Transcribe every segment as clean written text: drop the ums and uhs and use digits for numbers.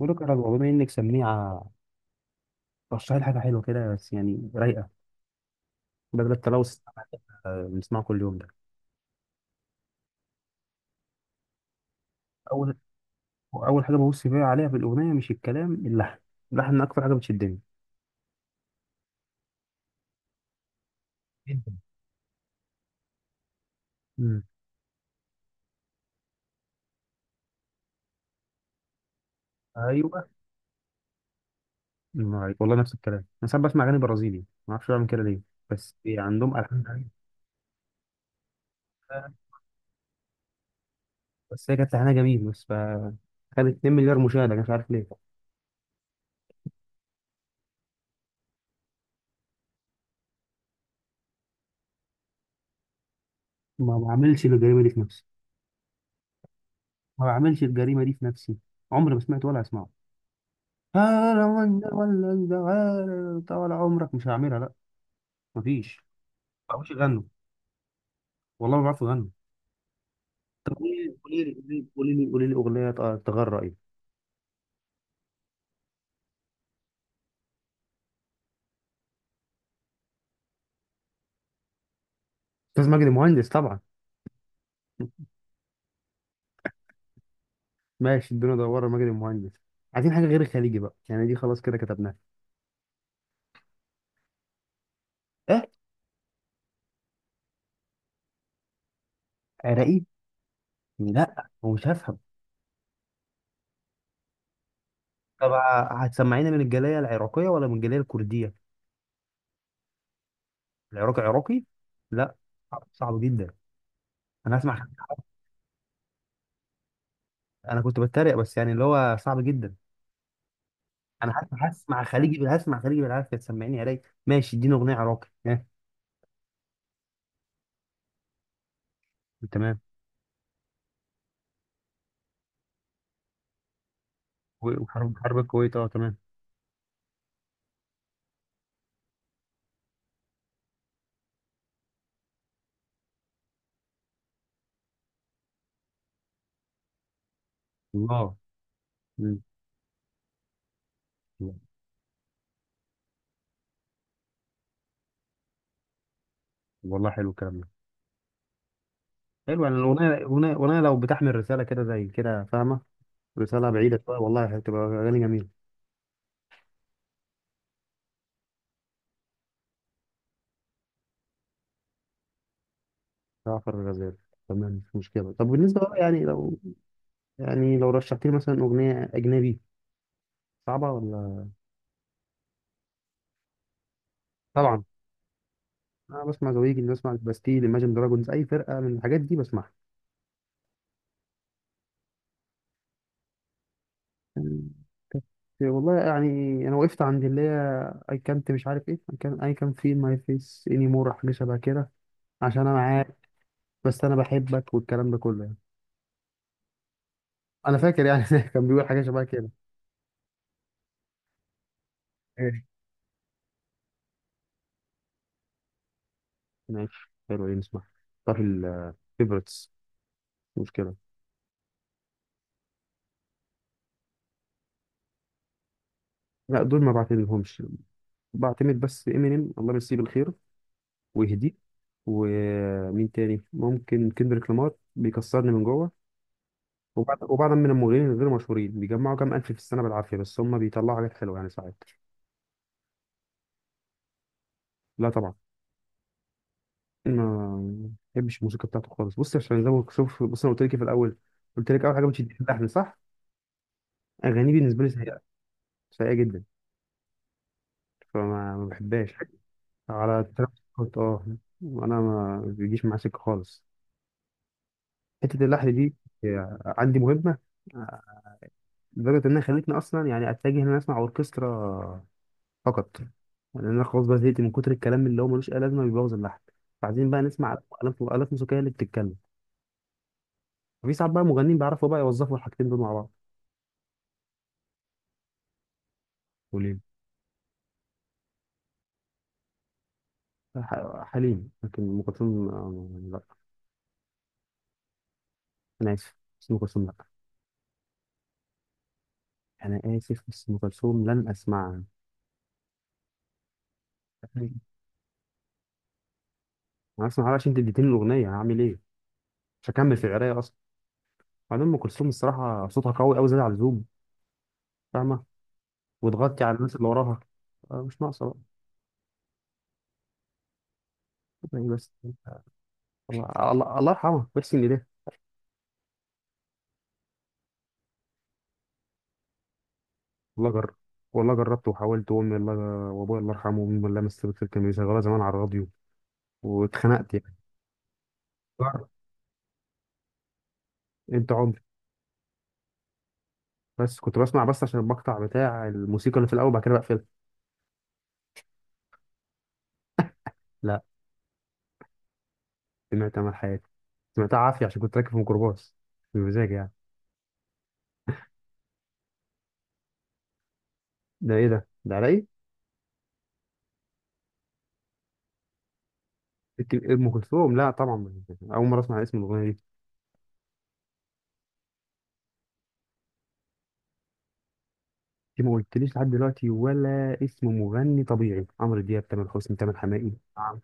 بقول لك يا رجل، بما انك سميعه، رشح لي حاجه حلوه كده، بس يعني رايقه، بدل التلوث اللي بنسمعه كل يوم ده. اول اول حاجه ببص فيها عليها في الاغنيه مش الكلام، اللحن اكتر حاجه بتشدني جدا. امم ايوه. عليك. والله نفس الكلام، انا ساعات بسمع اغاني برازيلي، ما اعرفش بعمل كده ليه، بس عندهم الحان. أيوة. بس هي كانت لحنها جميل، بس ف خدت 2 مليار مشاهده، مش عارف ليه. ما بعملش الجريمه دي في نفسي. ما بعملش الجريمه دي في نفسي، عمري ما سمعت ولا اسمعه. تعالى، ولا تعالى، طول عمرك مش هعملها، لا، مفيش. ما بعرفش اغنوا، والله ما بعرف اغني. طب ايه؟ قولي لي، قولي لي، قولي لي، قولي لي اغنيه. تغرى ايه؟ استاذ مجدي مهندس، طبعا. ماشي، الدنيا دوار، مجدي مهندس. عايزين حاجه غير الخليجي بقى يعني، دي خلاص كده كتبناها. ايه، عراقي؟ لا، هو مش هفهم. طب هتسمعينا من الجاليه العراقيه ولا من الجاليه الكرديه؟ العراقي عراقي؟ لا. صعب، صعب جدا. انا هسمع. انا كنت بتريق، بس يعني اللي هو صعب جدا. انا هسمع، خليجي هسمع خليجي بالعافيه، تسمعني علي. ماشي، اديني اغنيه عراقي ها. تمام. و- وحرب، حرب الكويت، اه تمام. الله. مم. والله حلو الكلام ده. حلو يعني، الاغنيه الاغنيه الأغنية لو بتحمل رساله كده زي كده فاهمه، رساله بعيده شويه، والله هتبقى اغاني جميله. جعفر الغزال، تمام مش مشكله. طب بالنسبه بقى يعني، لو رشحت لي مثلا اغنيه اجنبي صعبه ولا؟ طبعا. انا بسمع زويجي، بسمع الباستيل، ايماجن دراجونز، اي فرقه من الحاجات دي بسمعها. والله يعني انا وقفت عند اللي هي، اي كانت، مش عارف ايه، اي كان في ماي فيس اني مور، حاجه شبه كده. عشان انا معاك، بس انا بحبك، والكلام ده كله يعني. انا فاكر يعني كان بيقول حاجه شبه كده. ايه، ماشي، حلو. ايه نسمع؟ طب الفيفورتس؟ مشكله. لا دول ما بعتمدهمش. بعتمد بس امينيم، الله يمسيه بالخير ويهديه. ومين تاني؟ ممكن كندريك لامار، بيكسرني من جوه. وبعد من المغنيين الغير مشهورين، بيجمعوا كام الف في السنه بالعافيه، بس هم بيطلعوا حاجات حلوه يعني ساعات. لا طبعا، ما بحبش الموسيقى بتاعته خالص. بص، عشان زي ما شوف، بص، انا قلت لك إيه في الاول؟ قلت لك اول حاجه مش اللحن، صح؟ اغانيه بالنسبه لي سيئه، سيئه جدا. فما ما بحبهاش. على تراب سكوت، اه. انا ما بيجيش معاه سكه خالص. حته اللحن دي هي عندي مهمه. آه، لدرجه انها خلتني اصلا يعني اتجه ان انا اسمع اوركسترا فقط، لان انا خلاص بقى زهقت من كتر الكلام اللي هو ملوش اي لازمه، بيبوظ اللحن. فعايزين بقى نسمع آلات، آلات موسيقيه اللي بتتكلم. في ساعات بقى مغنيين بيعرفوا بقى يوظفوا الحاجتين دول مع بعض. وليد، حليم، لكن ام كلثوم آه، يعني لا. انا اسف، بس ام كلثوم لا. انا اسف بس ام كلثوم لن اسمعها. انا اسمعها عشان انت اديتني الاغنيه هعمل ايه، مش هكمل في القرايه اصلا. بعدين ام كلثوم الصراحه صوتها قوي، قوي زياده عن اللزوم، فاهمه؟ وتغطي على الناس اللي وراها، آه، مش ناقصه بقى يعني. بس الله، الله، الله يرحمها ويحسن اليه. والله جر والله جربت وحاولت، وامي الله وابويا الله يرحمه وامي الله مسكت، كانوا يشغلوها زمان على الراديو، واتخنقت يعني. جر- انت عمري، بس كنت بسمع بس عشان المقطع بتاع الموسيقى اللي في الاول، بعد كده بقفلها. لا، سمعت امل حياتي، سمعتها عافيه عشان كنت راكب في ميكروباص بمزاج يعني. ده ايه ده؟ ده على ايه؟ لكن ام كلثوم لا طبعا، اول مره اسمع اسم الاغنيه دي. انت ما قلتليش لحد دلوقتي ولا اسم مغني طبيعي، عمرو دياب، تامر حسني، تامر حماقي. نعم.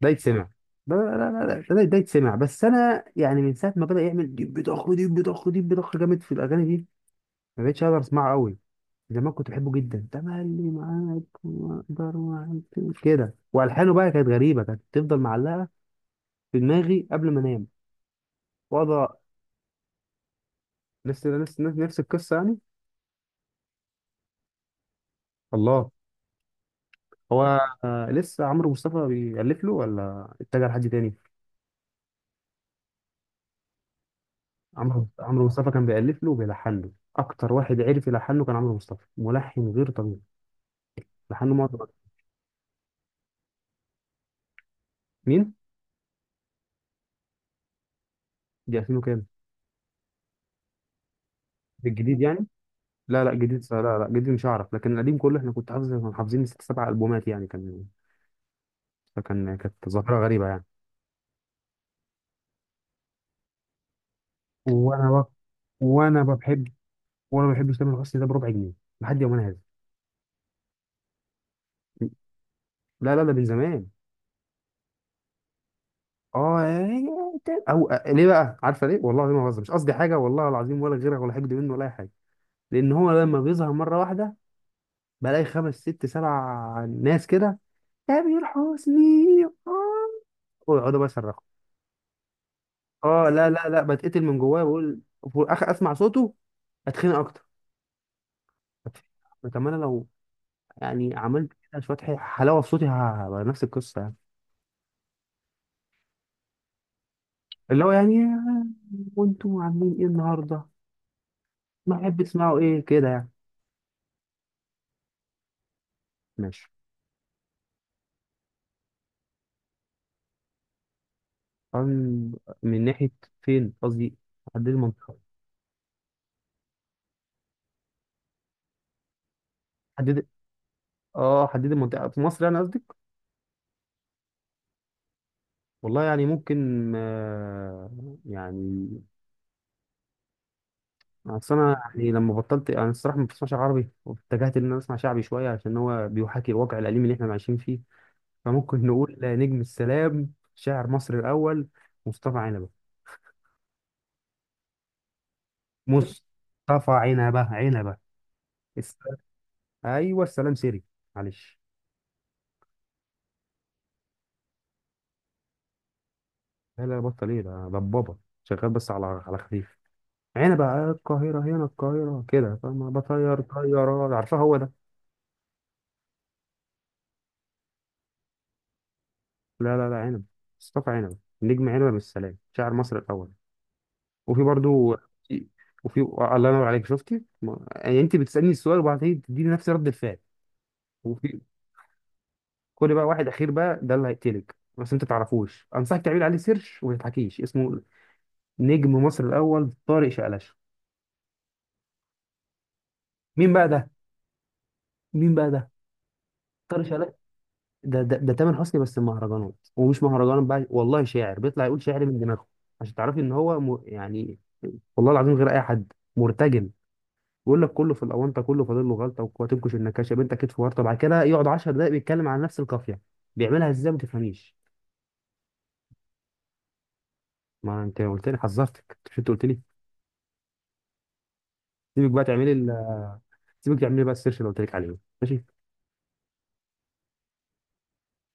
ده يتسمع؟ ده لا، لا، لا، لا، ده، ده يتسمع، بس انا يعني من ساعه ما بدا يعمل ديب ضخ ديب ضخ ديب ضخ جامد في الاغاني دي، ما بقتش اقدر اسمعه قوي. زمان كنت بحبه جدا، تملي معاك وما اقدر معاك كده. والحانه بقى كانت غريبه، كانت تفضل معلقه في دماغي قبل ما انام واقعد. نفس القصه يعني. الله. هو آه لسه عمرو مصطفى بيألف له ولا اتجه لحد تاني؟ عمرو مصطفى كان بيألف له وبيلحن له، اكتر واحد عرف يلحن له كان عمرو مصطفى، ملحن غير طبيعي، لحنه مرة. مين؟ دي 2000 وكام؟ الجديد يعني. لا لا جديد، لا لا جديد مش هعرف، لكن القديم كله احنا كنت حافظ، كنا حافظين ست سبع البومات يعني، كان، فكان كانت ظاهرة غريبة يعني. وانا بقى، وانا ما بحب وانا ما بحبش تامر حسني ده بربع جنيه لحد يومنا هذا. لا لا، ده من زمان. اه، إيه، او آه، ليه بقى عارفه ليه؟ والله العظيم ما بهزر، مش قصدي حاجه، والله العظيم ولا غيرها ولا حقد منه ولا اي حاجه. لان هو لما بيظهر مره واحده، بلاقي خمس ست سبع ناس كده، تامر حسني اه، ويقعدوا بقى يصرخوا. اه لا لا لا، بتقتل من جوايا بقول. في الاخر اسمع صوته، اتخنق اكتر. طب انا لو يعني عملت كده شوية حلاوة في صوتي، نفس القصة يعني. اللي هو يعني "آه، وانتم عاملين ايه النهاردة؟" ما أحب تسمعوا ايه كده يعني. ماشي. أم- من ناحية، فين قصدي، حددي المنطقة. حددي، اه حددي المنطقة في مصر يعني قصدك. والله يعني ممكن آه، يعني أصل أنا يعني لما بطلت، أنا الصراحة ما بسمعش عربي، واتجهت إن أنا أسمع شعبي شوية، عشان هو بيحاكي الواقع الأليم اللي إحنا عايشين فيه. فممكن نقول نجم السلام شاعر مصر الأول، مصطفى مصطفى عنبة، عنبة. الس... ايوه، السلام سيري، معلش. لا لا، بطل ايه ده؟ ضبابة، شغال بس على خفيف. عنبة آه، القاهرة، هنا القاهرة كده، فما بطير طيارات، عارفها هو ده. لا لا لا، عنبة، مصطفى عنبة، نجم عنبة بالسلام شاعر مصر الأول. وفي برضو، وفي، الله ينور عليك شفتي يعني انت بتسألني السؤال وبعدين تديني نفس رد الفعل. وفي كل بقى واحد أخير بقى، ده اللي هيقتلك بس انت تعرفوش، انصحك تعمل عليه سيرش وما تضحكيش اسمه، نجم مصر الاول طارق شقلاشه. مين بقى ده؟ مين بقى ده؟ طارق شقلاشه. ده، ده تامر حسني بس المهرجانات، ومش مهرجان بقى، والله شاعر بيطلع يقول شعر من دماغه. عشان تعرفي ان هو يعني، والله العظيم غير اي حد، مرتجل، بيقول لك كله في الاونطه، كله فاضل له غلطه وتنكش النكاشه بنتك كتف ورطه، بعد كده يقعد 10 دقائق بيتكلم عن نفس القافيه. بيعملها ازاي ما تفهميش. ما انت قلت لي، حذرتك مش انت قلت لي. سيبك بقى تعملي سيبك تعملي بقى السيرش اللي قلت لك عليه، ماشي.